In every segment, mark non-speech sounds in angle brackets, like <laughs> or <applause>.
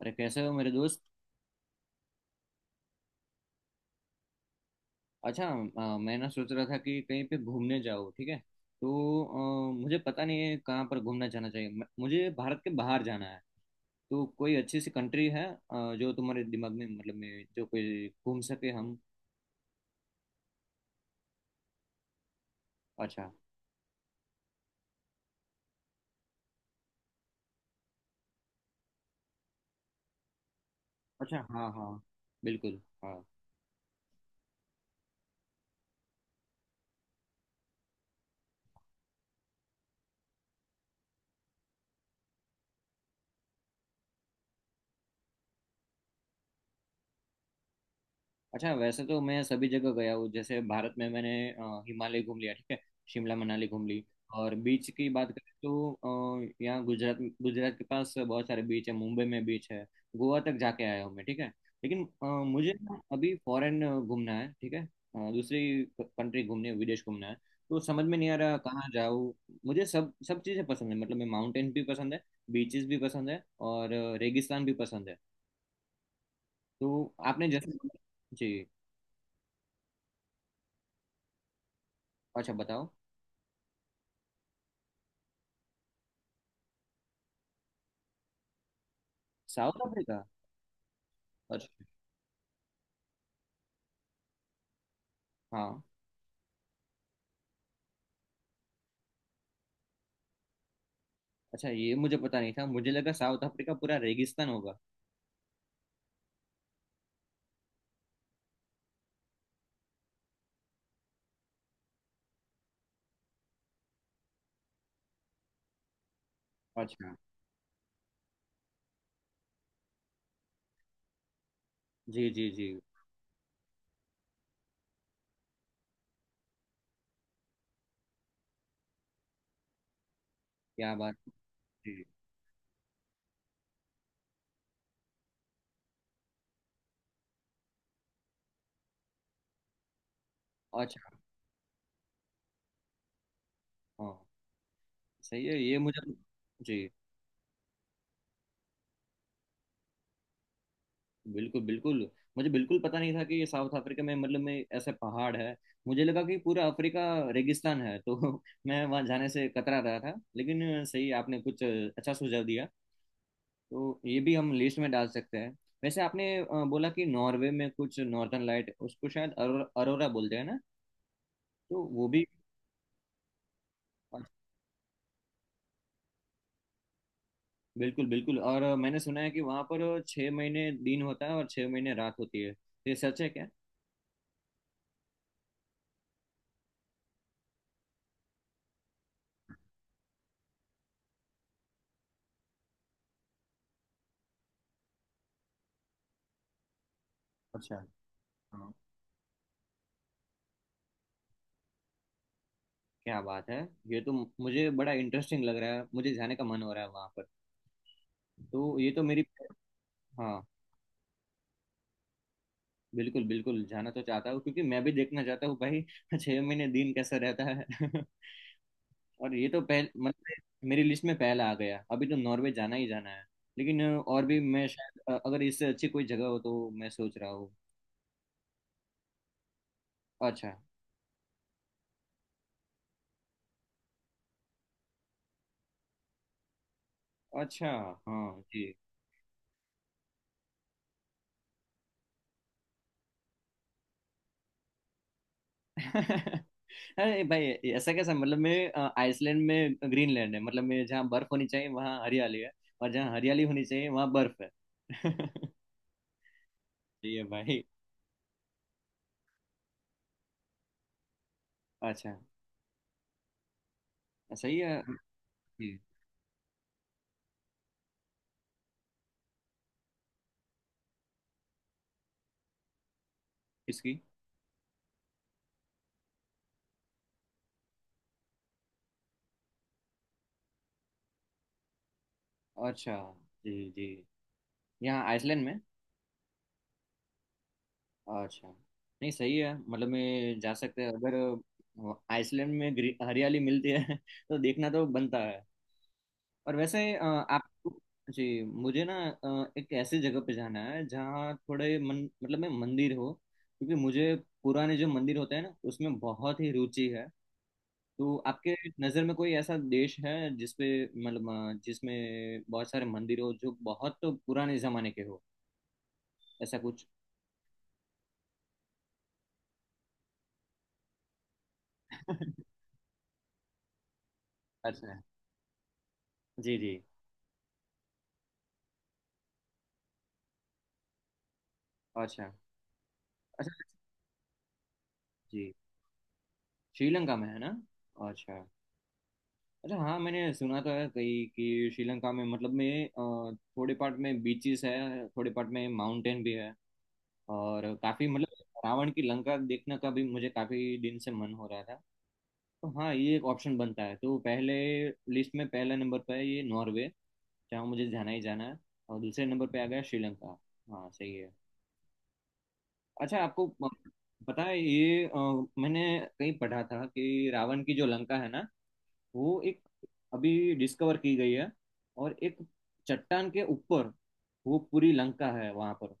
अरे, कैसे हो मेरे दोस्त? अच्छा, मैं ना सोच रहा था कि कहीं पे घूमने जाओ, ठीक है। तो मुझे पता नहीं है कहाँ पर घूमना जाना चाहिए। मुझे भारत के बाहर जाना है। तो कोई अच्छी सी कंट्री है जो तुम्हारे दिमाग में, मतलब में, जो कोई घूम सके? हम। अच्छा। अच्छा, हाँ हाँ। बिल्कुल, हाँ। अच्छा, वैसे तो मैं सभी जगह गया हूँ। जैसे भारत में मैंने हिमालय घूम लिया, ठीक है। शिमला, मनाली घूम ली। और बीच की बात करें तो यहाँ गुजरात गुजरात के पास बहुत सारे बीच है, मुंबई में बीच है। गोवा तक जाके आया हूँ मैं, ठीक है। लेकिन मुझे ना अभी फॉरेन घूमना है, ठीक है। दूसरी कंट्री घूमनी है, विदेश घूमना है। तो समझ में नहीं आ रहा कहाँ जाऊँ। मुझे सब सब चीज़ें पसंद है, मतलब मैं माउंटेन भी पसंद है। बीचेस भी पसंद है और रेगिस्तान भी पसंद है। तो आपने जैसे। जी। अच्छा, बताओ। South Africa? अच्छा, हाँ। अच्छा, ये मुझे पता नहीं था, मुझे लगा साउथ अफ्रीका पूरा रेगिस्तान होगा। अच्छा। जी जी जी। क्या बात! जी। अच्छा, हाँ। सही है ये, मुझे। जी। बिल्कुल, बिल्कुल, मुझे बिल्कुल पता नहीं था कि ये साउथ अफ्रीका में, मतलब में, ऐसे पहाड़ है। मुझे लगा कि पूरा अफ्रीका रेगिस्तान है, तो <laughs> मैं वहाँ जाने से कतरा रहा था, लेकिन सही, आपने कुछ अच्छा सुझाव दिया। तो ये भी हम लिस्ट में डाल सकते हैं। वैसे आपने बोला कि नॉर्वे में कुछ नॉर्दर्न लाइट, उसको शायद अरोरा बोलते हैं ना, तो वो भी। बिल्कुल, बिल्कुल। और मैंने सुना है कि वहाँ पर 6 महीने दिन होता है और 6 महीने रात होती है। ये सच है क्या? अच्छा, हाँ। क्या बात है! ये तो मुझे बड़ा इंटरेस्टिंग लग रहा है, मुझे जाने का मन हो रहा है वहाँ पर। तो ये तो मेरी। हाँ, बिल्कुल बिल्कुल, जाना तो चाहता हूँ क्योंकि मैं भी देखना चाहता हूँ भाई <laughs> 6 महीने दिन कैसा रहता है <laughs> और ये तो पहले, मतलब मेरी लिस्ट में पहला आ गया, अभी तो नॉर्वे जाना ही जाना है। लेकिन और भी मैं शायद, अगर इससे अच्छी कोई जगह हो तो मैं सोच रहा हूँ। अच्छा। अच्छा, हाँ जी। <laughs> अरे भाई! ऐसा कैसा, मतलब मैं, आइसलैंड में ग्रीनलैंड है, मतलब मैं जहाँ बर्फ होनी चाहिए वहाँ हरियाली है। और जहाँ हरियाली होनी चाहिए वहाँ बर्फ है। <laughs> सही है भाई। अच्छा, सही है। जी। किसकी? अच्छा, जी जी, यहाँ आइसलैंड में। अच्छा, नहीं, सही है, मतलब मैं जा सकते हैं अगर आइसलैंड में हरियाली मिलती है <laughs> तो देखना तो बनता है। और वैसे आप। जी, मुझे ना एक ऐसी जगह पे जाना है जहाँ थोड़े मन, मतलब में, मंदिर हो। क्योंकि मुझे पुराने जो मंदिर होते हैं ना, उसमें बहुत ही रुचि है। तो आपके नज़र में कोई ऐसा देश है जिसपे, मतलब जिसमें बहुत सारे मंदिर हो जो बहुत तो पुराने जमाने के हो, ऐसा कुछ? <laughs> अच्छा, जी जी। अच्छा। अच्छा, जी, श्रीलंका में है ना? अच्छा। अच्छा, हाँ, मैंने सुना तो है कहीं कि श्रीलंका में, मतलब में, थोड़े पार्ट में बीचेस है, थोड़े पार्ट में माउंटेन भी है। और काफी, मतलब रावण की लंका देखने का भी मुझे काफी दिन से मन हो रहा था। तो हाँ, ये एक ऑप्शन बनता है। तो पहले लिस्ट में पहला नंबर पर है ये नॉर्वे, जहाँ मुझे जाना ही जाना है। और दूसरे नंबर पे आ गया श्रीलंका। हाँ, सही है। अच्छा, आपको पता है ये? मैंने कहीं पढ़ा था कि रावण की जो लंका है ना, वो एक अभी डिस्कवर की गई है। और एक चट्टान के ऊपर वो पूरी लंका है वहां पर।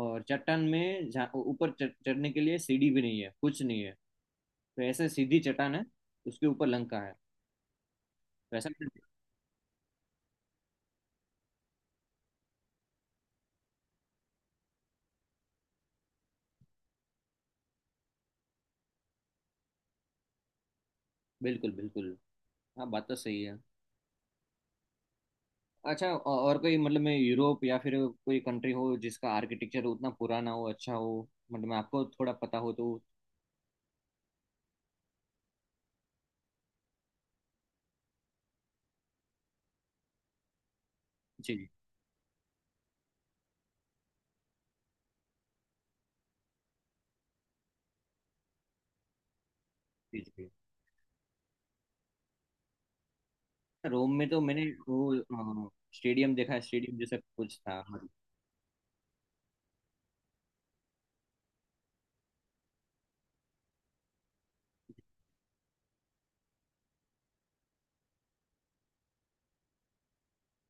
और चट्टान में ऊपर चढ़ने के लिए सीढ़ी भी नहीं है, कुछ नहीं है। तो ऐसे सीधी चट्टान है, उसके ऊपर लंका है वैसा। बिल्कुल, बिल्कुल। हाँ, बात तो सही है। अच्छा, और कोई, मतलब में यूरोप या फिर कोई कंट्री हो जिसका आर्किटेक्चर उतना पुराना हो, अच्छा हो, मतलब में आपको थोड़ा पता हो तो? जी जी जी। रोम में तो मैंने वो स्टेडियम देखा है, स्टेडियम जैसा कुछ था।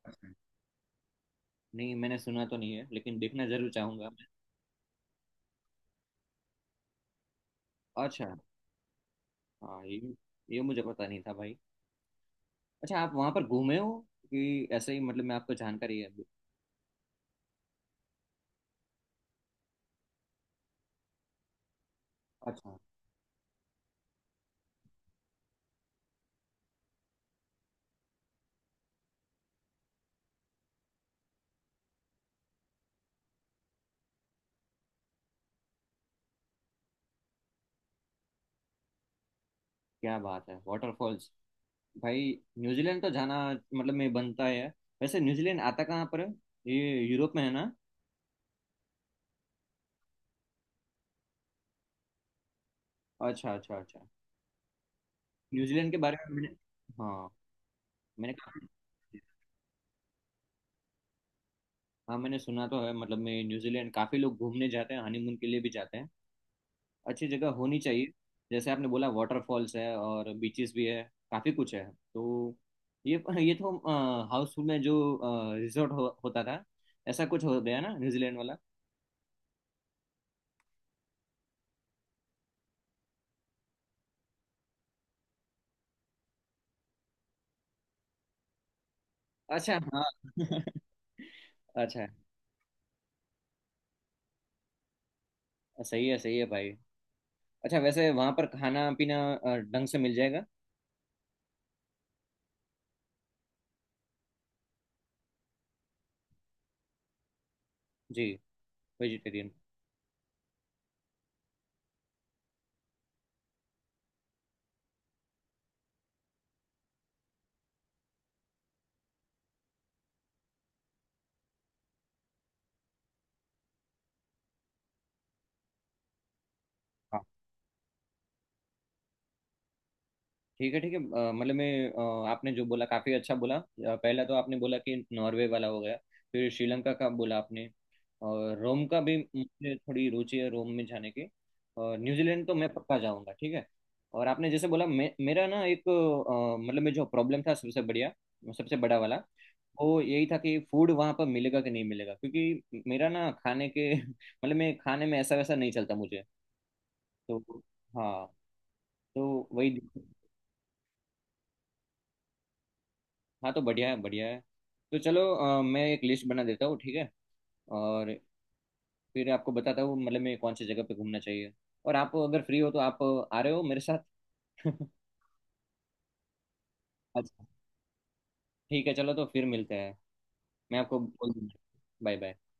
मतलब नहीं, मैंने सुना तो नहीं है, लेकिन देखना जरूर चाहूंगा मैं। अच्छा, हाँ। ये मुझे पता नहीं था भाई। अच्छा, आप वहाँ पर घूमे हो, कि ऐसे ही, मतलब मैं आपको जानकारी है अभी? अच्छा। क्या बात है! वाटरफॉल्स! भाई, न्यूजीलैंड तो जाना, मतलब में बनता है। वैसे न्यूजीलैंड आता कहाँ पर है? ये यूरोप में है ना? अच्छा, अच्छा, अच्छा। न्यूजीलैंड के बारे में मैंने, हाँ, मैंने कहा। हाँ, मैंने सुना तो है, मतलब मैं न्यूजीलैंड काफी लोग घूमने जाते हैं, हनीमून के लिए भी जाते हैं। अच्छी जगह होनी चाहिए। जैसे आपने बोला वाटरफॉल्स है और बीचेस भी है, काफी कुछ है। तो ये ये तो हाउसफुल में जो रिजॉर्ट होता था, ऐसा कुछ हो गया ना न्यूजीलैंड वाला? अच्छा, हाँ। <laughs> अच्छा, सही है, सही है भाई। अच्छा, वैसे वहां पर खाना पीना ढंग से मिल जाएगा? जी, वेजिटेरियन। ठीक है, ठीक है। मतलब मैं, आपने जो बोला काफी अच्छा बोला। पहला तो आपने बोला कि नॉर्वे वाला हो गया। फिर श्रीलंका का बोला आपने। और रोम का भी मुझे थोड़ी रुचि है, रोम में जाने की। और न्यूजीलैंड तो मैं पक्का जाऊंगा, ठीक है। और आपने जैसे बोला, मेरा ना एक, मतलब में जो प्रॉब्लम था, सबसे बढ़िया, सबसे बड़ा वाला, वो यही था कि फूड वहाँ पर मिलेगा कि नहीं मिलेगा। क्योंकि मेरा ना खाने के <laughs> मतलब मैं खाने में ऐसा वैसा नहीं चलता मुझे। तो। हाँ। तो वही। हाँ, तो बढ़िया है, बढ़िया है। तो चलो, मैं एक लिस्ट बना देता हूँ, ठीक है। और फिर आपको बताता हूँ मतलब मैं कौन सी जगह पे घूमना चाहिए। और आप अगर फ्री हो, तो आप आ रहे हो मेरे साथ? <laughs> अच्छा, ठीक है, चलो तो फिर मिलते हैं, मैं आपको बोल दूंगा। Bye, bye.